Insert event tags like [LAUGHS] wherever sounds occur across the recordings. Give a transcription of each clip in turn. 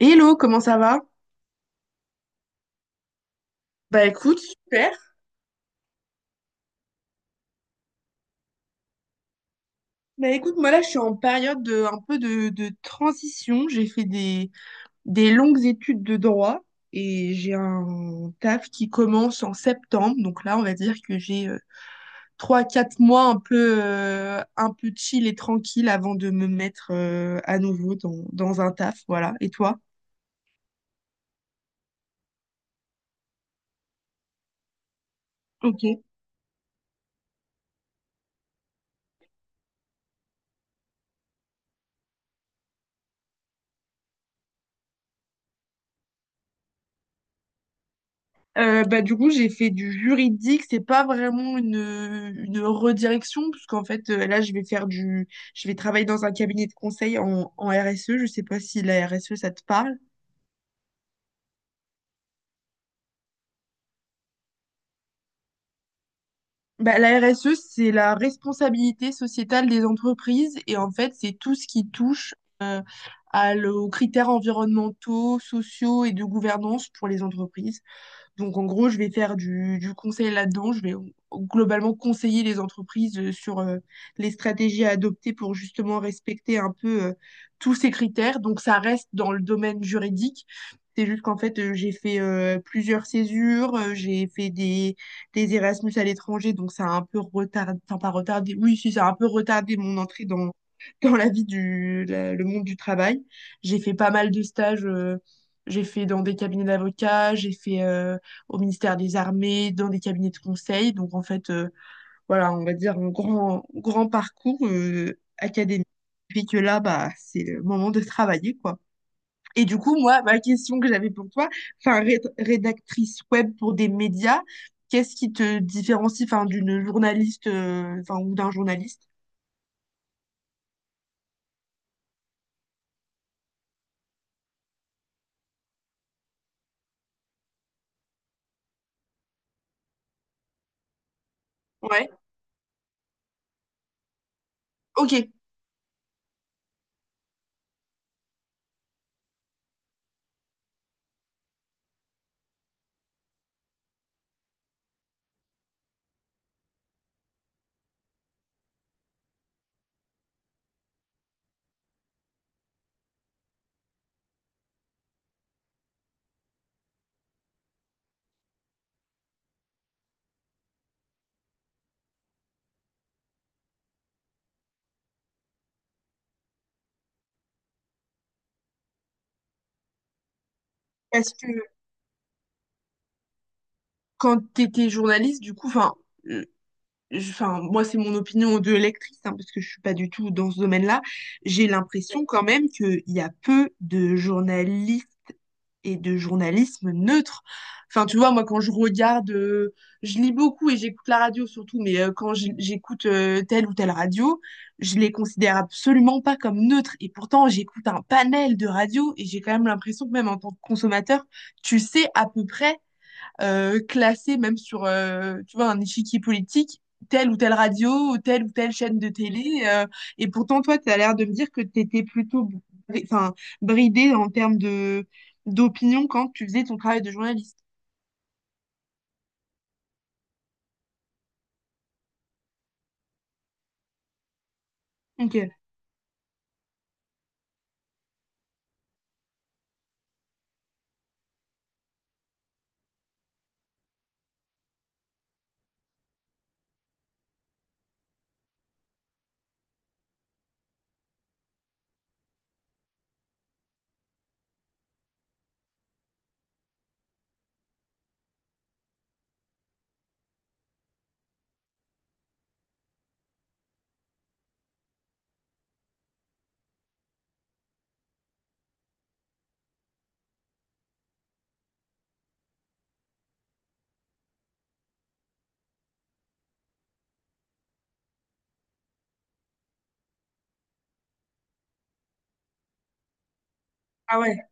Hello, comment ça va? Bah écoute, super. Bah écoute, moi là, je suis en période un peu de transition. J'ai fait des longues études de droit et j'ai un taf qui commence en septembre. Donc là, on va dire que j'ai trois, quatre mois un peu chill et tranquille avant de me mettre à nouveau dans un taf. Voilà. Et toi? Ok. Bah, du coup, j'ai fait du juridique. C'est pas vraiment une redirection, puisqu'en fait, là, je vais travailler dans un cabinet de conseil en RSE. Je sais pas si la RSE, ça te parle. Bah, la RSE, c'est la responsabilité sociétale des entreprises. Et en fait, c'est tout ce qui touche euh, aux critères environnementaux, sociaux et de gouvernance pour les entreprises. Donc en gros, je vais faire du conseil là-dedans. Je vais globalement conseiller les entreprises sur les stratégies à adopter pour justement respecter un peu tous ces critères. Donc ça reste dans le domaine juridique. C'est juste qu'en fait, j'ai fait plusieurs césures, j'ai fait des Erasmus à l'étranger, donc ça a un peu retardé, enfin pas retardé, oui, si, ça a un peu retardé mon entrée dans la vie le monde du travail. J'ai fait pas mal de stages, j'ai fait dans des cabinets d'avocats, j'ai fait au ministère des Armées, dans des cabinets de conseil. Donc en fait, voilà, on va dire un grand, grand parcours académique. Puis que là, bah, c'est le moment de travailler, quoi. Et du coup, moi, ma question que j'avais pour toi, enfin, rédactrice web pour des médias, qu'est-ce qui te différencie, enfin, d'une journaliste, enfin, ou d'un journaliste? Ouais, ok. Parce que quand tu étais journaliste, du coup, enfin, enfin, moi, c'est mon opinion de lectrice, hein, parce que je suis pas du tout dans ce domaine-là. J'ai l'impression quand même qu'il y a peu de journalistes et de journalisme neutre. Enfin, tu vois, moi, quand je regarde, je lis beaucoup et j'écoute la radio surtout, mais j'écoute telle ou telle radio, je les considère absolument pas comme neutres. Et pourtant, j'écoute un panel de radios et j'ai quand même l'impression que même en tant que consommateur, tu sais à peu près classer même sur, tu vois, un échiquier politique, telle ou telle radio, ou telle chaîne de télé. Et pourtant, toi, tu as l'air de me dire que tu étais plutôt enfin, bridée en termes de d'opinion quand tu faisais ton travail de journaliste. Ok. Ah ouais,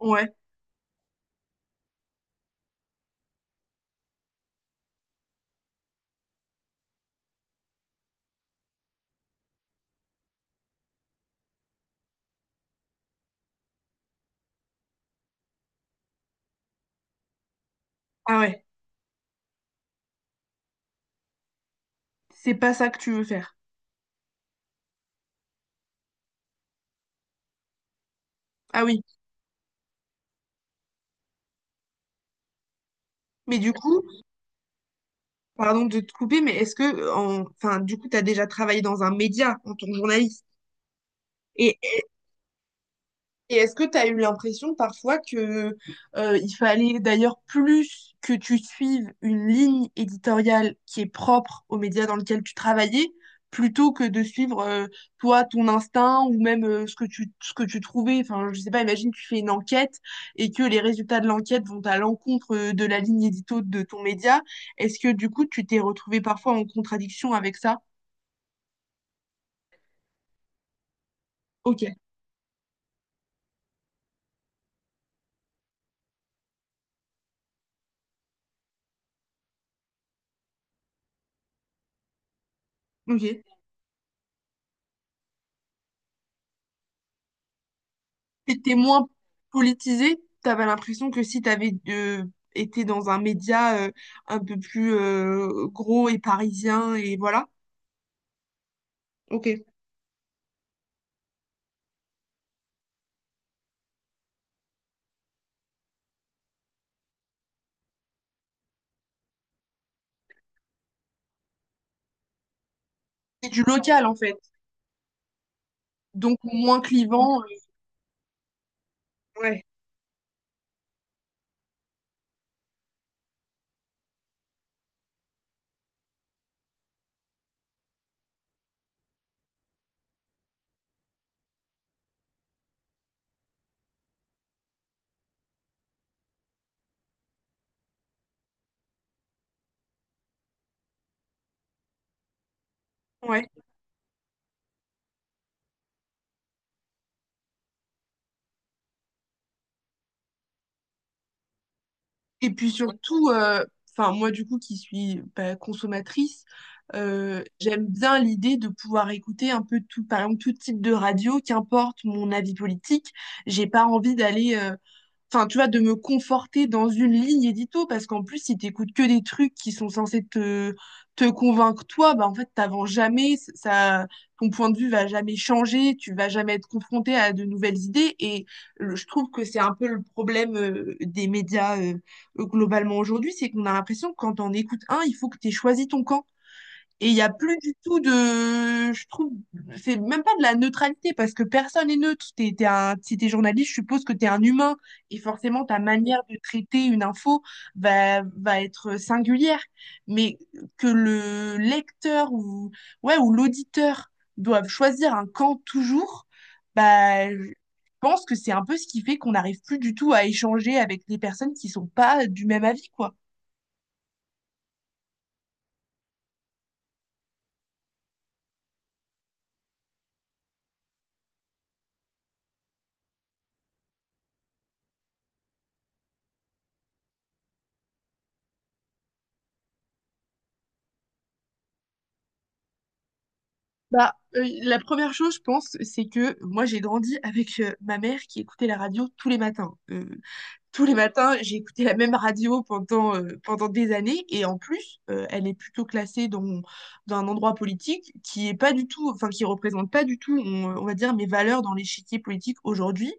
ouais, ah ouais. C'est pas ça que tu veux faire. Ah oui. Mais du coup, pardon de te couper, mais est-ce que, enfin, du coup, tu as déjà travaillé dans un média en tant que journaliste? Et Et est-ce que tu as eu l'impression parfois que il fallait d'ailleurs plus que tu suives une ligne éditoriale qui est propre au média dans lequel tu travaillais, plutôt que de suivre toi ton instinct ou même ce que tu trouvais. Enfin, je sais pas, imagine tu fais une enquête et que les résultats de l'enquête vont à l'encontre de la ligne édito de ton média. Est-ce que du coup tu t'es retrouvé parfois en contradiction avec ça? Ok, ok. C'était moins politisé. T'avais l'impression que si t'avais été dans un média un peu plus gros et parisien, et voilà. Ok. C'est du local, en fait. Donc, moins clivant. Ouais, ouais. Et puis surtout, enfin, moi, du coup, qui suis bah, consommatrice, j'aime bien l'idée de pouvoir écouter un peu tout, par exemple, tout type de radio, qu'importe mon avis politique. J'ai pas envie d'aller. Enfin, tu vois, de me conforter dans une ligne édito, parce qu'en plus, si t'écoutes que des trucs qui sont censés te convaincre toi, bah, en fait, t'avances jamais, ça, ton point de vue va jamais changer, tu vas jamais être confronté à de nouvelles idées, et je trouve que c'est un peu le problème des médias globalement aujourd'hui, c'est qu'on a l'impression que quand on écoute un, il faut que t'aies choisi ton camp. Et il n'y a plus du tout de, je trouve, c'est même pas de la neutralité parce que personne n'est neutre. T'es si t'es journaliste, je suppose que t'es un humain et forcément ta manière de traiter une info va être singulière. Mais que le lecteur ou, ouais, ou l'auditeur doivent choisir un camp toujours, bah, je pense que c'est un peu ce qui fait qu'on n'arrive plus du tout à échanger avec des personnes qui sont pas du même avis, quoi. Bah, la première chose, je pense, c'est que moi, j'ai grandi avec, ma mère qui écoutait la radio tous les matins. Tous les matins, j'ai écouté la même radio pendant des années et en plus, elle est plutôt classée dans dans un endroit politique qui est pas du tout enfin, qui représente pas du tout, on va dire mes valeurs dans l'échiquier politique aujourd'hui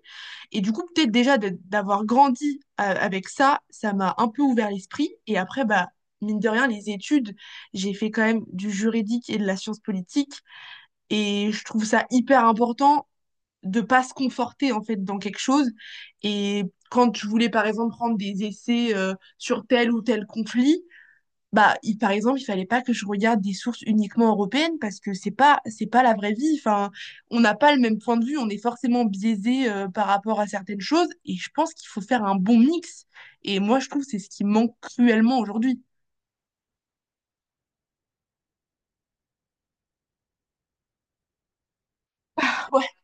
et du coup, peut-être déjà de d'avoir grandi a avec ça, ça m'a un peu ouvert l'esprit et après, bah, mine de rien, les études, j'ai fait quand même du juridique et de la science politique et je trouve ça hyper important de pas se conforter en fait dans quelque chose. Et quand je voulais par exemple prendre des essais sur tel ou tel conflit, bah par exemple il fallait pas que je regarde des sources uniquement européennes parce que c'est pas la vraie vie. Enfin, on n'a pas le même point de vue, on est forcément biaisé par rapport à certaines choses. Et je pense qu'il faut faire un bon mix. Et moi je trouve que c'est ce qui manque cruellement aujourd'hui. [LAUGHS]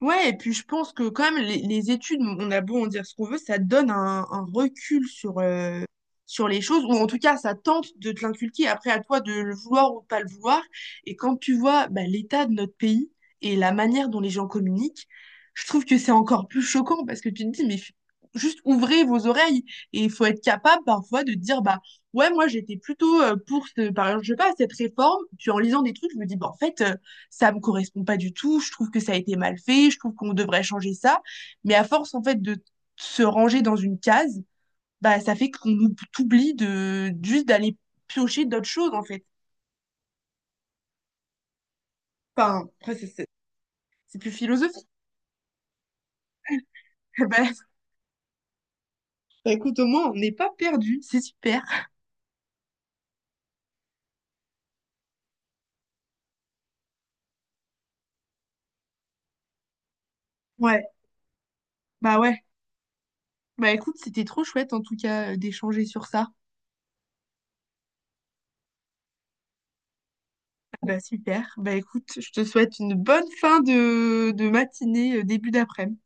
Ouais, et puis je pense que quand même les études, on a beau en dire ce qu'on veut, ça donne un recul sur les choses, ou en tout cas ça tente de te l'inculquer, après à toi de le vouloir ou de pas le vouloir. Et quand tu vois bah, l'état de notre pays et la manière dont les gens communiquent, je trouve que c'est encore plus choquant parce que tu te dis, mais juste ouvrez vos oreilles et il faut être capable parfois de te dire, bah ouais, moi j'étais plutôt pour, ce, par exemple, je sais pas, cette réforme, puis en lisant des trucs, je me dis, bah en fait, ça me correspond pas du tout, je trouve que ça a été mal fait, je trouve qu'on devrait changer ça. Mais à force, en fait, de se ranger dans une case, bah, ça fait qu'on t'oublie juste d'aller piocher d'autres choses, en fait. Enfin, après, c'est plus philosophique. [LAUGHS] Bah, bah, écoute, au moins, on n'est pas perdu, c'est super. Ouais, ouais. Bah écoute, c'était trop chouette, en tout cas, d'échanger sur ça. Bah super. Bah écoute, je te souhaite une bonne fin de matinée, début d'après-midi.